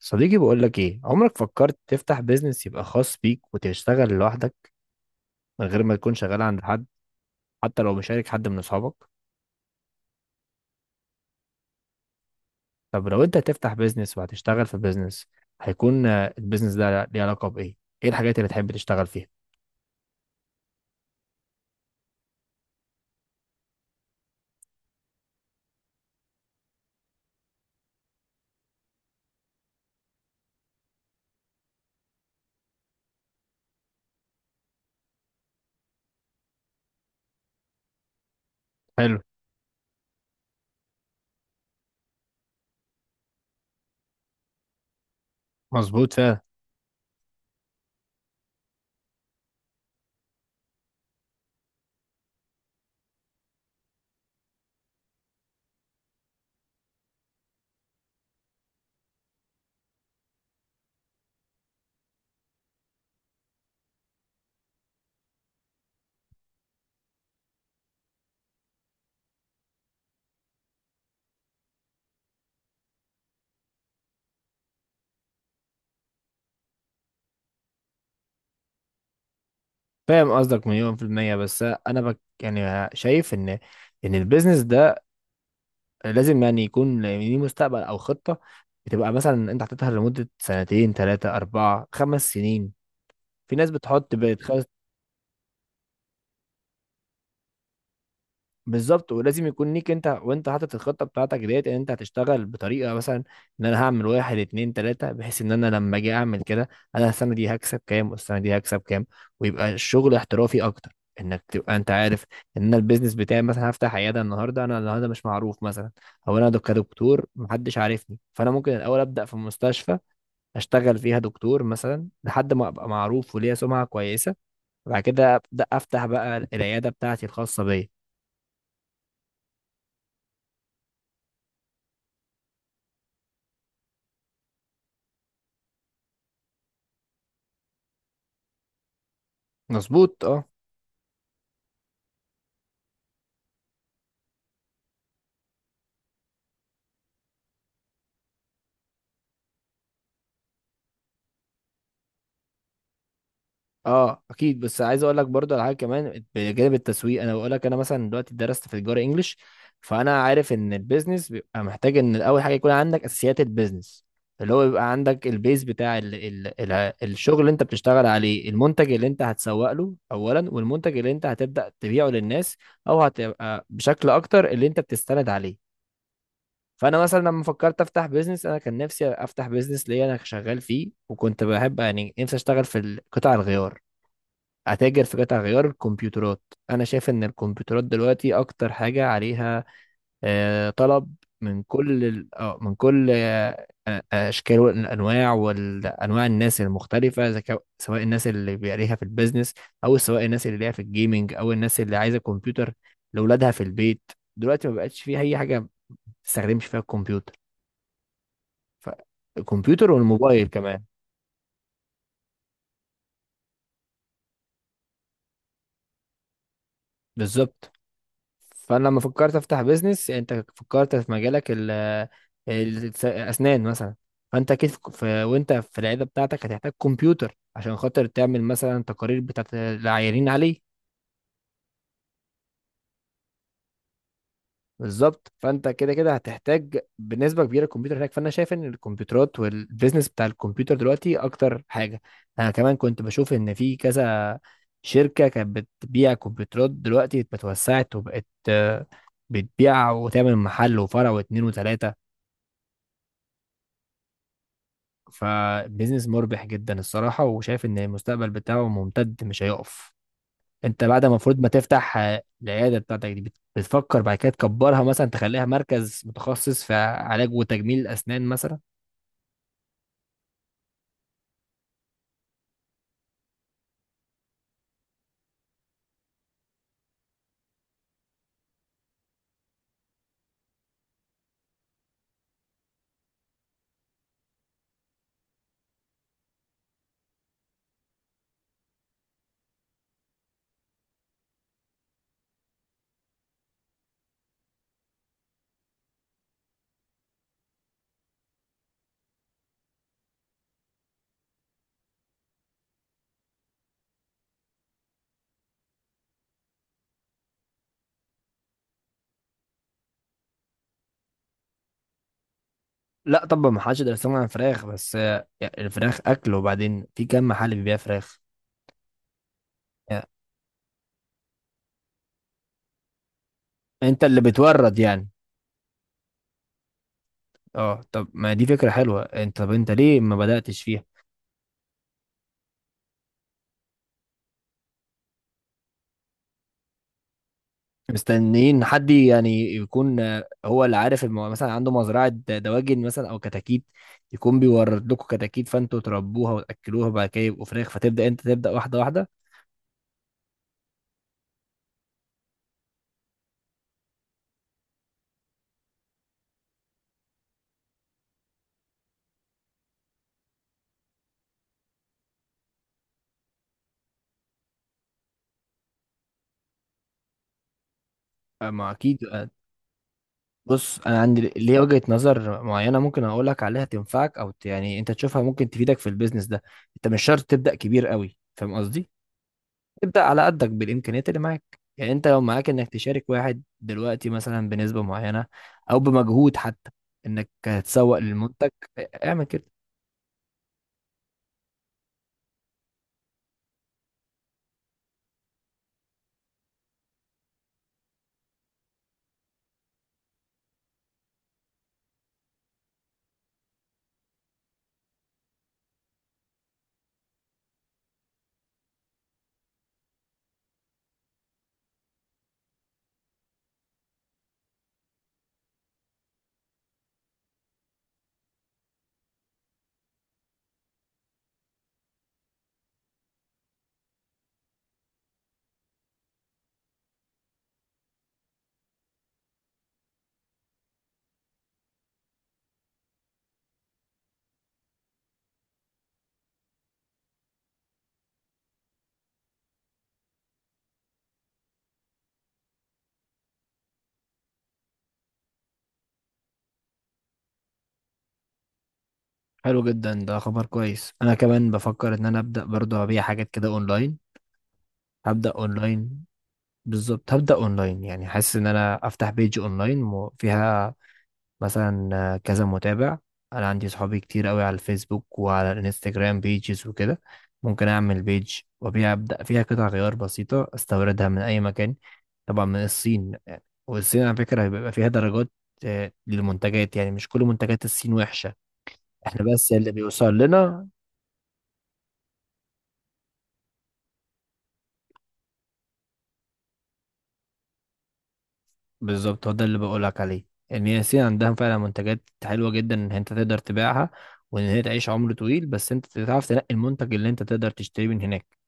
صديقي بقول لك ايه؟ عمرك فكرت تفتح بيزنس يبقى خاص بيك وتشتغل لوحدك، من غير ما تكون شغال عند حد، حتى لو مشارك حد من اصحابك؟ طب لو انت هتفتح بيزنس وهتشتغل في بيزنس، هيكون البيزنس ده ليه علاقة بايه؟ ايه الحاجات اللي تحب تشتغل فيها؟ حلو. مظبوط فعلا. فاهم قصدك، مليون في المية. بس انا بك يعني شايف ان البيزنس ده لازم يعني يكون ليه مستقبل او خطة، بتبقى مثلا انت حاططها لمدة سنتين، ثلاثة، أربعة، خمس سنين. في ناس بتحط بالظبط. ولازم يكون ليك انت وانت حاطط الخطه بتاعتك ديت، ان انت هتشتغل بطريقه، مثلا ان انا هعمل واحد اتنين تلاته، بحيث ان انا لما اجي اعمل كده انا السنه دي هكسب كام والسنه دي هكسب كام، ويبقى الشغل احترافي اكتر، انك تبقى انت عارف ان انا البيزنس بتاعي مثلا هفتح عياده النهارده. انا النهارده مش معروف مثلا، او انا كدكتور محدش عارفني، فانا ممكن الاول ابدا في مستشفى اشتغل فيها دكتور مثلا لحد ما ابقى معروف وليا سمعه كويسه، وبعد كده ابدا افتح بقى العياده بتاعتي الخاصه بيا. مظبوط، اه. اه، اكيد. بس عايز اقول لك برضه على حاجه كمان بجانب التسويق. انا بقول لك انا مثلا دلوقتي درست في تجاره انجلش، فانا عارف ان البيزنس بيبقى محتاج ان اول حاجه يكون عندك اساسيات البيزنس، اللي هو بيبقى عندك البيز بتاع ال الشغل اللي انت بتشتغل عليه، المنتج اللي انت هتسوق له اولا، والمنتج اللي انت هتبدا تبيعه للناس، او هتبقى بشكل اكتر اللي انت بتستند عليه. فانا مثلا لما فكرت افتح بيزنس، انا كان نفسي افتح بيزنس ليا انا شغال فيه، وكنت بحب يعني نفسي اشتغل في قطاع الغيار، اتاجر في قطع غيار الكمبيوترات. انا شايف ان الكمبيوترات دلوقتي اكتر حاجه عليها طلب، من كل اشكال والانواع الناس المختلفه، إذا سواء الناس اللي بيعليها في البيزنس، او سواء الناس اللي ليها في الجيمنج، او الناس اللي عايزه كمبيوتر لاولادها في البيت. دلوقتي ما بقتش فيه اي حاجه ما بتستخدمش فيها الكمبيوتر، فالكمبيوتر والموبايل كمان. بالظبط. فانا لما فكرت افتح بيزنس، انت فكرت في مجالك الاسنان مثلا، فانت اكيد وانت في العياده بتاعتك هتحتاج كمبيوتر عشان خاطر تعمل مثلا تقارير بتاعت العيانين عليه. بالظبط، فانت كده كده هتحتاج بنسبه كبيره الكمبيوتر هناك، فانا شايف ان الكمبيوترات والبيزنس بتاع الكمبيوتر دلوقتي اكتر حاجه. انا كمان كنت بشوف ان في كذا شركه كانت بتبيع كمبيوترات دلوقتي اتوسعت وبقت بتبيع وتعمل محل وفرع واتنين وتلاته. فبيزنس مربح جدا الصراحة، وشايف ان المستقبل بتاعه ممتد مش هيقف. انت بعد ما المفروض ما تفتح العيادة بتاعتك دي بتفكر بعد كده تكبرها مثلا، تخليها مركز متخصص في علاج وتجميل الأسنان مثلا. لا طبعا، ما حدش يقدر يستغنى عن فراخ، بس يعني الفراخ أكل، وبعدين في كم محل بيبيع فراخ. آه، انت اللي بتورد يعني. اه، طب ما دي فكرة حلوة، طب انت ليه ما بدأتش فيها؟ مستنيين حد يعني يكون هو اللي عارف مثلا عنده مزرعة دواجن مثلا أو كتاكيت، يكون بيورد لكم كتاكيت فأنتوا تربوها وتأكلوها بعد كده يبقوا فراخ، أنت تبدأ واحدة واحدة. ما أكيد. بص، أنا عندي ليه وجهة نظر معينة ممكن أقول لك عليها، تنفعك أو يعني أنت تشوفها ممكن تفيدك في البيزنس ده. أنت مش شرط تبدأ كبير قوي، فاهم قصدي؟ ابدأ على قدك بالإمكانيات اللي معاك، يعني أنت لو معاك إنك تشارك واحد دلوقتي مثلا بنسبة معينة، أو بمجهود حتى إنك هتسوق للمنتج، اعمل كده. حلو جدا، ده خبر كويس. أنا كمان بفكر إن أنا أبدأ برضه أبيع حاجات كده أونلاين، هبدأ أونلاين. بالظبط، هبدأ أونلاين يعني، حاسس إن أنا أفتح بيج أونلاين وفيها مثلا كذا متابع، انا عندي صحابي كتير قوي على الفيسبوك وعلى الانستجرام بيجز وكده. ممكن اعمل بيج وابيع، ابدا فيها قطع غيار بسيطه استوردها من اي مكان، طبعا من الصين. والصين على فكره بيبقى فيها درجات للمنتجات، يعني مش كل منتجات الصين وحشه. احنا بس اللي بيوصل لنا. بالظبط، هو ده اللي بقولك عليه، ان هي الصين عندها فعلا منتجات حلوه جدا ان انت تقدر تبيعها وان هي تعيش عمر طويل، بس انت تعرف تنقي المنتج اللي انت تقدر تشتريه من هناك.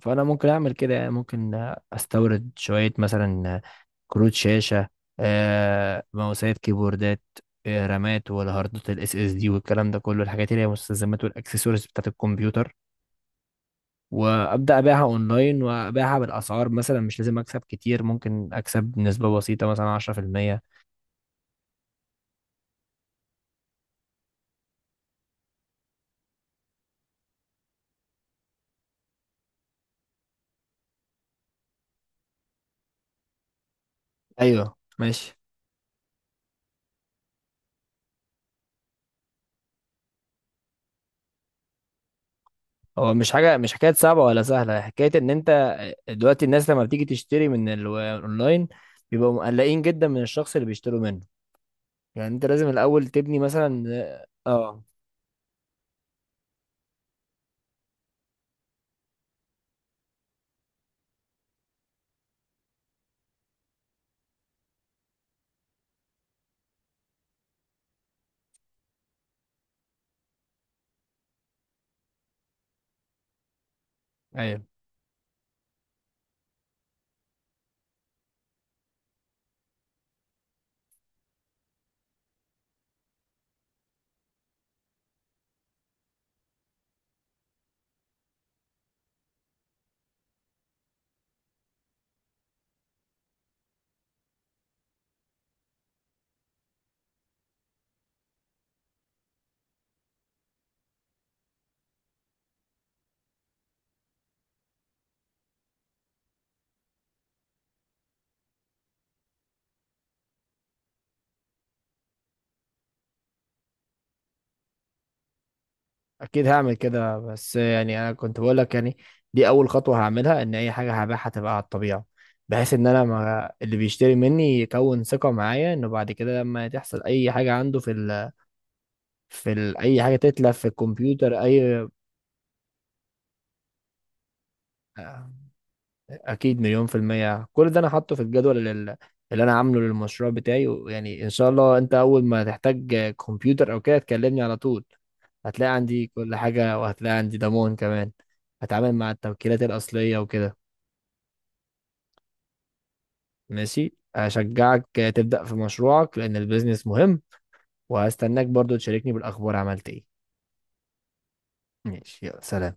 فانا ممكن اعمل كده، يعني ممكن استورد شويه مثلا كروت شاشه، ماوسات، كيبوردات، رامات، والهاردات الاس اس دي والكلام ده كله، الحاجات اللي هي مستلزمات والاكسسوارز بتاعت الكمبيوتر. وابدا ابيعها اونلاين وابيعها بالاسعار، مثلا مش لازم اكسب كتير، ممكن اكسب نسبه بسيطه مثلا 10%. ايوه، ماشي. هو مش حاجه، مش حكايه صعبه ولا سهله، حكايه ان انت دلوقتي الناس لما بتيجي تشتري من الاونلاين بيبقوا مقلقين جدا من الشخص اللي بيشتروا منه، يعني انت لازم الاول تبني مثلا. اه، ايوه. اكيد هعمل كده، بس يعني انا كنت بقول لك يعني دي اول خطوه هعملها، ان اي حاجه هبيعها تبقى على الطبيعه، بحيث ان انا، ما اللي بيشتري مني يكون ثقه معايا، انه بعد كده لما تحصل اي حاجه عنده في اي حاجه تتلف في الكمبيوتر اي. اكيد، مليون في المية، كل ده انا حاطه في الجدول اللي انا عامله للمشروع بتاعي. ويعني ان شاء الله انت اول ما تحتاج كمبيوتر او كده تكلمني على طول، هتلاقي عندي كل حاجة وهتلاقي عندي ضمان كمان، هتعامل مع التوكيلات الأصلية وكده. ماشي، أشجعك تبدأ في مشروعك لأن البيزنس مهم، وهستناك برضو تشاركني بالأخبار عملت إيه. ماشي، يلا سلام.